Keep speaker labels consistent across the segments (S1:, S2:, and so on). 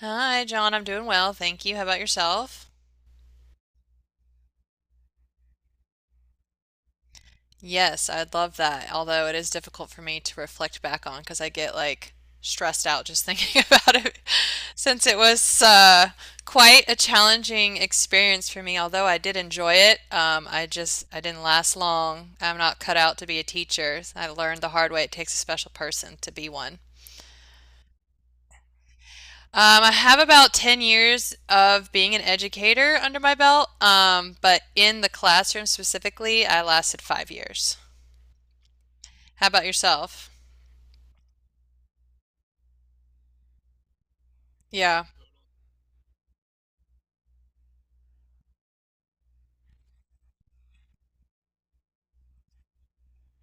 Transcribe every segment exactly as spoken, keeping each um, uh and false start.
S1: Hi, John. I'm doing well, thank you. How about yourself? Yes, I'd love that. Although it is difficult for me to reflect back on because I get like stressed out just thinking about it since it was uh, quite a challenging experience for me. Although I did enjoy it, um, I just I didn't last long. I'm not cut out to be a teacher. I learned the hard way it takes a special person to be one. Um, I have about ten years of being an educator under my belt, um, but in the classroom specifically, I lasted five years. How about yourself? Yeah.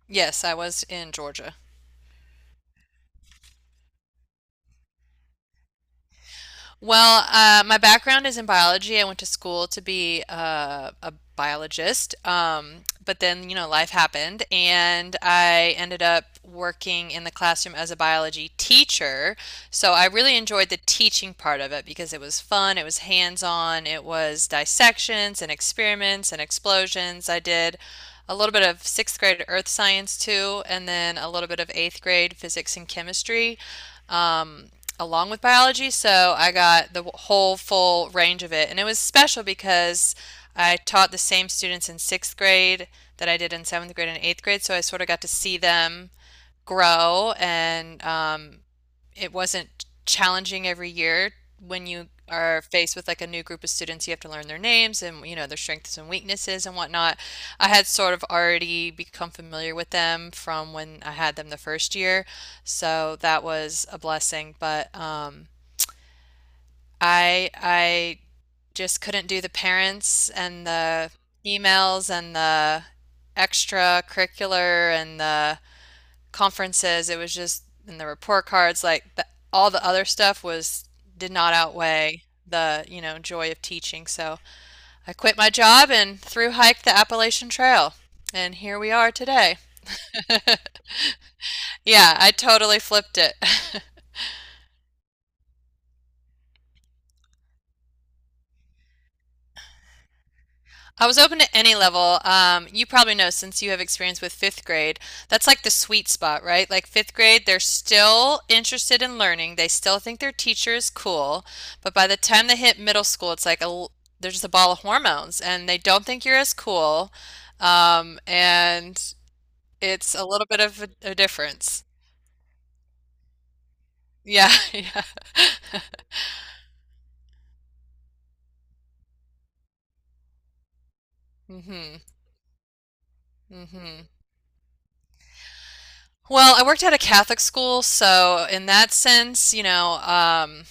S1: Yes, I was in Georgia. Well, uh, my background is in biology. I went to school to be uh, a biologist, um, but then, you know, life happened, and I ended up working in the classroom as a biology teacher. So I really enjoyed the teaching part of it because it was fun, it was hands-on, it was dissections and experiments and explosions. I did a little bit of sixth grade earth science too, and then a little bit of eighth grade physics and chemistry, um, along with biology. So I got the whole full range of it. And it was special because I taught the same students in sixth grade that I did in seventh grade and eighth grade. So I sort of got to see them grow and um, it wasn't challenging every year when you are faced with like a new group of students, you have to learn their names and you know their strengths and weaknesses and whatnot. I had sort of already become familiar with them from when I had them the first year, so that was a blessing. But um, I I just couldn't do the parents and the emails and the extracurricular and the conferences, it was just in the report cards, like the, all the other stuff was did not outweigh the, you know, joy of teaching. So I quit my job and through hiked the Appalachian Trail. And here we are today. Yeah, I totally flipped it. I was open to any level. Um, you probably know since you have experience with fifth grade, that's like the sweet spot, right? Like fifth grade, they're still interested in learning. They still think their teacher is cool. But by the time they hit middle school, it's like a l- they're just a ball of hormones and they don't think you're as cool. Um, and it's a little bit of a, a difference. Yeah, yeah. Mm-hmm. Mm-hmm. Well, I worked at a Catholic school, so in that sense, you know, um,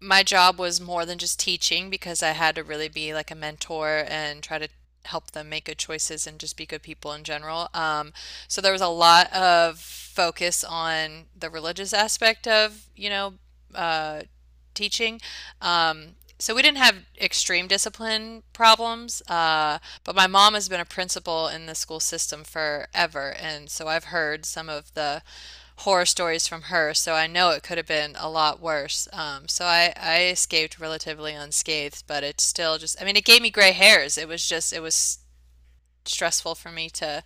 S1: my job was more than just teaching because I had to really be like a mentor and try to help them make good choices and just be good people in general. Um, so there was a lot of focus on the religious aspect of, you know, uh, teaching. Um, so we didn't have extreme discipline problems, uh, but my mom has been a principal in the school system forever, and so I've heard some of the horror stories from her, so I know it could have been a lot worse. Um, so I, I escaped relatively unscathed, but it's still just, I mean, it gave me gray hairs. It was just, it was stressful for me to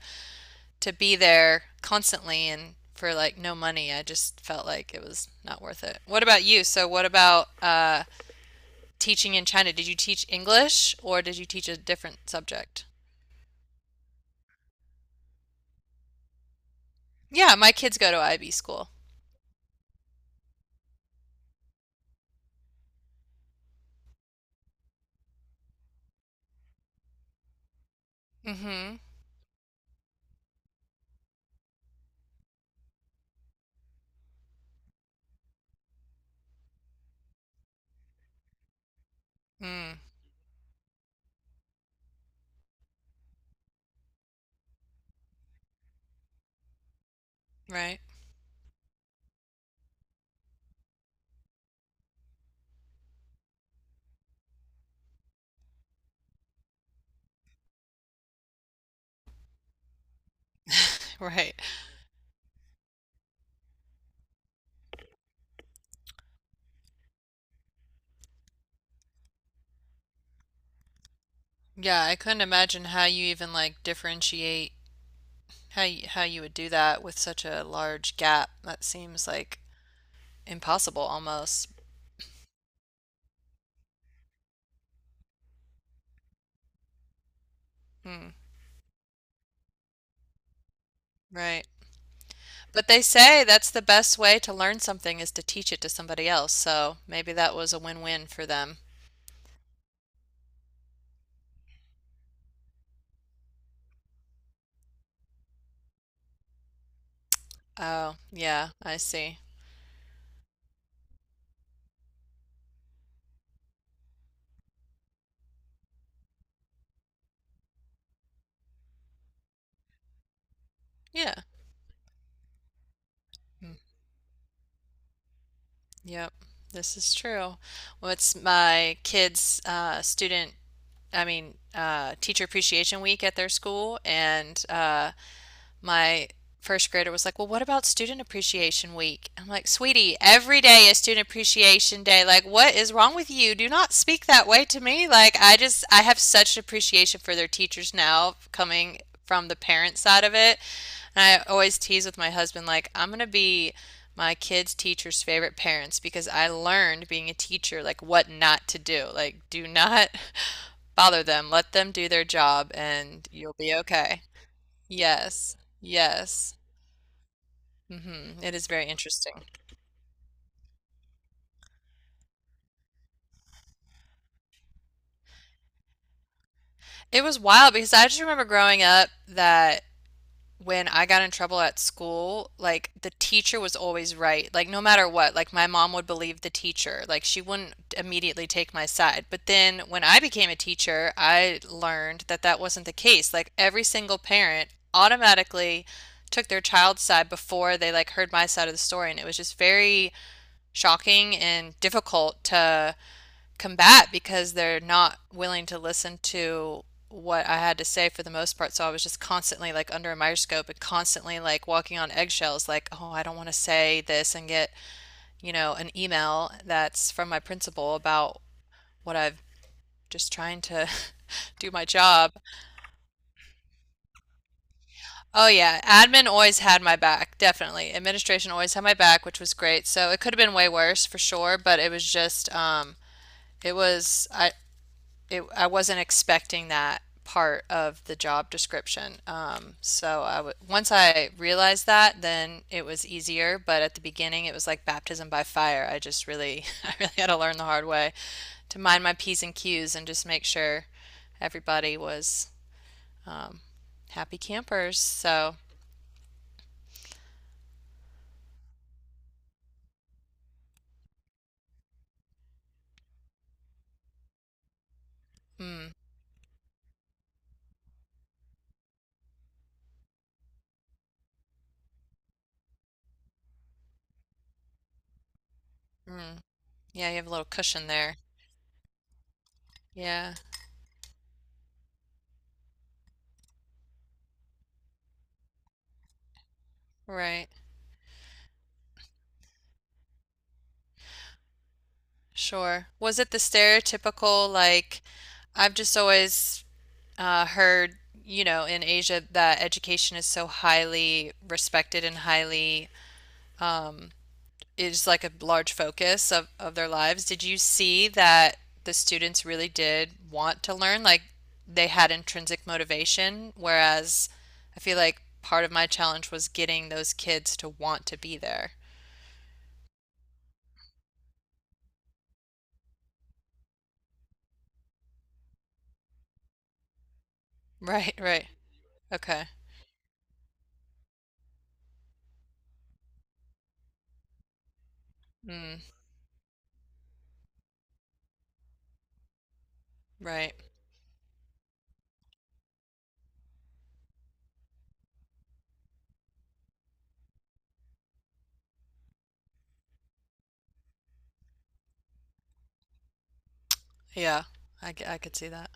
S1: to be there constantly and for like no money. I just felt like it was not worth it. What about you? So what about uh, teaching in China, did you teach English or did you teach a different subject? Yeah, my kids go to I B school. Mm-hmm. Mm, right. Right. Yeah, I couldn't imagine how you even like differentiate how you, how you would do that with such a large gap. That seems like impossible almost. Mm, right. But they say that's the best way to learn something is to teach it to somebody else. So maybe that was a win-win for them. Oh, yeah, I see. Yeah. Hmm. Yep, this is true. What's my kids' uh, student, I mean, uh, teacher appreciation week at their school, and uh, my first grader was like, "Well, what about student appreciation week?" I'm like, "Sweetie, every day is student appreciation day. Like, what is wrong with you? Do not speak that way to me. Like, I just, I have such appreciation for their teachers now, coming from the parent side of it. And I always tease with my husband, like, I'm gonna be my kids' teacher's favorite parents because I learned being a teacher, like, what not to do. Like, do not bother them, let them do their job, and you'll be okay. Yes, yes. hmm It is very interesting. It was wild because I just remember growing up that when I got in trouble at school, like the teacher was always right. Like no matter what, like my mom would believe the teacher. Like she wouldn't immediately take my side. But then when I became a teacher, I learned that that wasn't the case. Like every single parent automatically took their child's side before they like heard my side of the story, and it was just very shocking and difficult to combat because they're not willing to listen to what I had to say for the most part. So I was just constantly like under a microscope and constantly like walking on eggshells, like, oh, I don't want to say this and get, you know, an email that's from my principal about what I've just trying to do my job. Oh yeah, admin always had my back, definitely. Administration always had my back, which was great. So it could have been way worse for sure, but it was just um it was I it, I wasn't expecting that part of the job description. Um, so I w once I realized that, then it was easier. But at the beginning, it was like baptism by fire. I just really, I really had to learn the hard way to mind my P's and Q's and just make sure everybody was um, happy campers. So, mm, mm, yeah, you have a little cushion there. Yeah, right. Sure. Was it the stereotypical, like, I've just always uh, heard, you know, in Asia that education is so highly respected and highly um, is like a large focus of, of their lives. Did you see that the students really did want to learn? Like they had intrinsic motivation, whereas I feel like part of my challenge was getting those kids to want to be there. Right, right. Okay. Mm, right. Yeah, I, c- I could see that.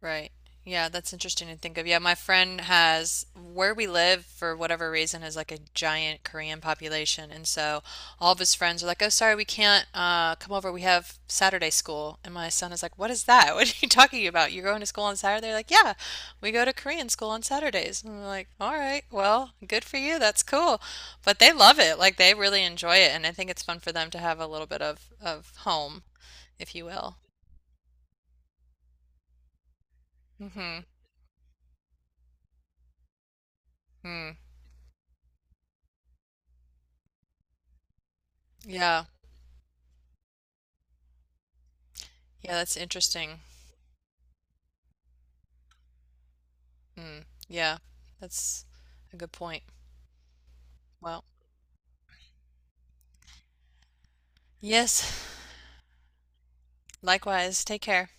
S1: Right. Yeah, that's interesting to think of. Yeah, my friend has where we live for whatever reason is like a giant Korean population, and so all of his friends are like, "Oh, sorry, we can't uh, come over. We have Saturday school." And my son is like, "What is that? What are you talking about? You're going to school on Saturday?" They're like, "Yeah, we go to Korean school on Saturdays." And I'm like, "All right, well, good for you. That's cool." But they love it. Like they really enjoy it, and I think it's fun for them to have a little bit of of home, if you will. Mm-hmm. Mm. Yeah. Yeah, that's interesting. Mm, yeah, that's a good point. Well, yes, likewise. Take care.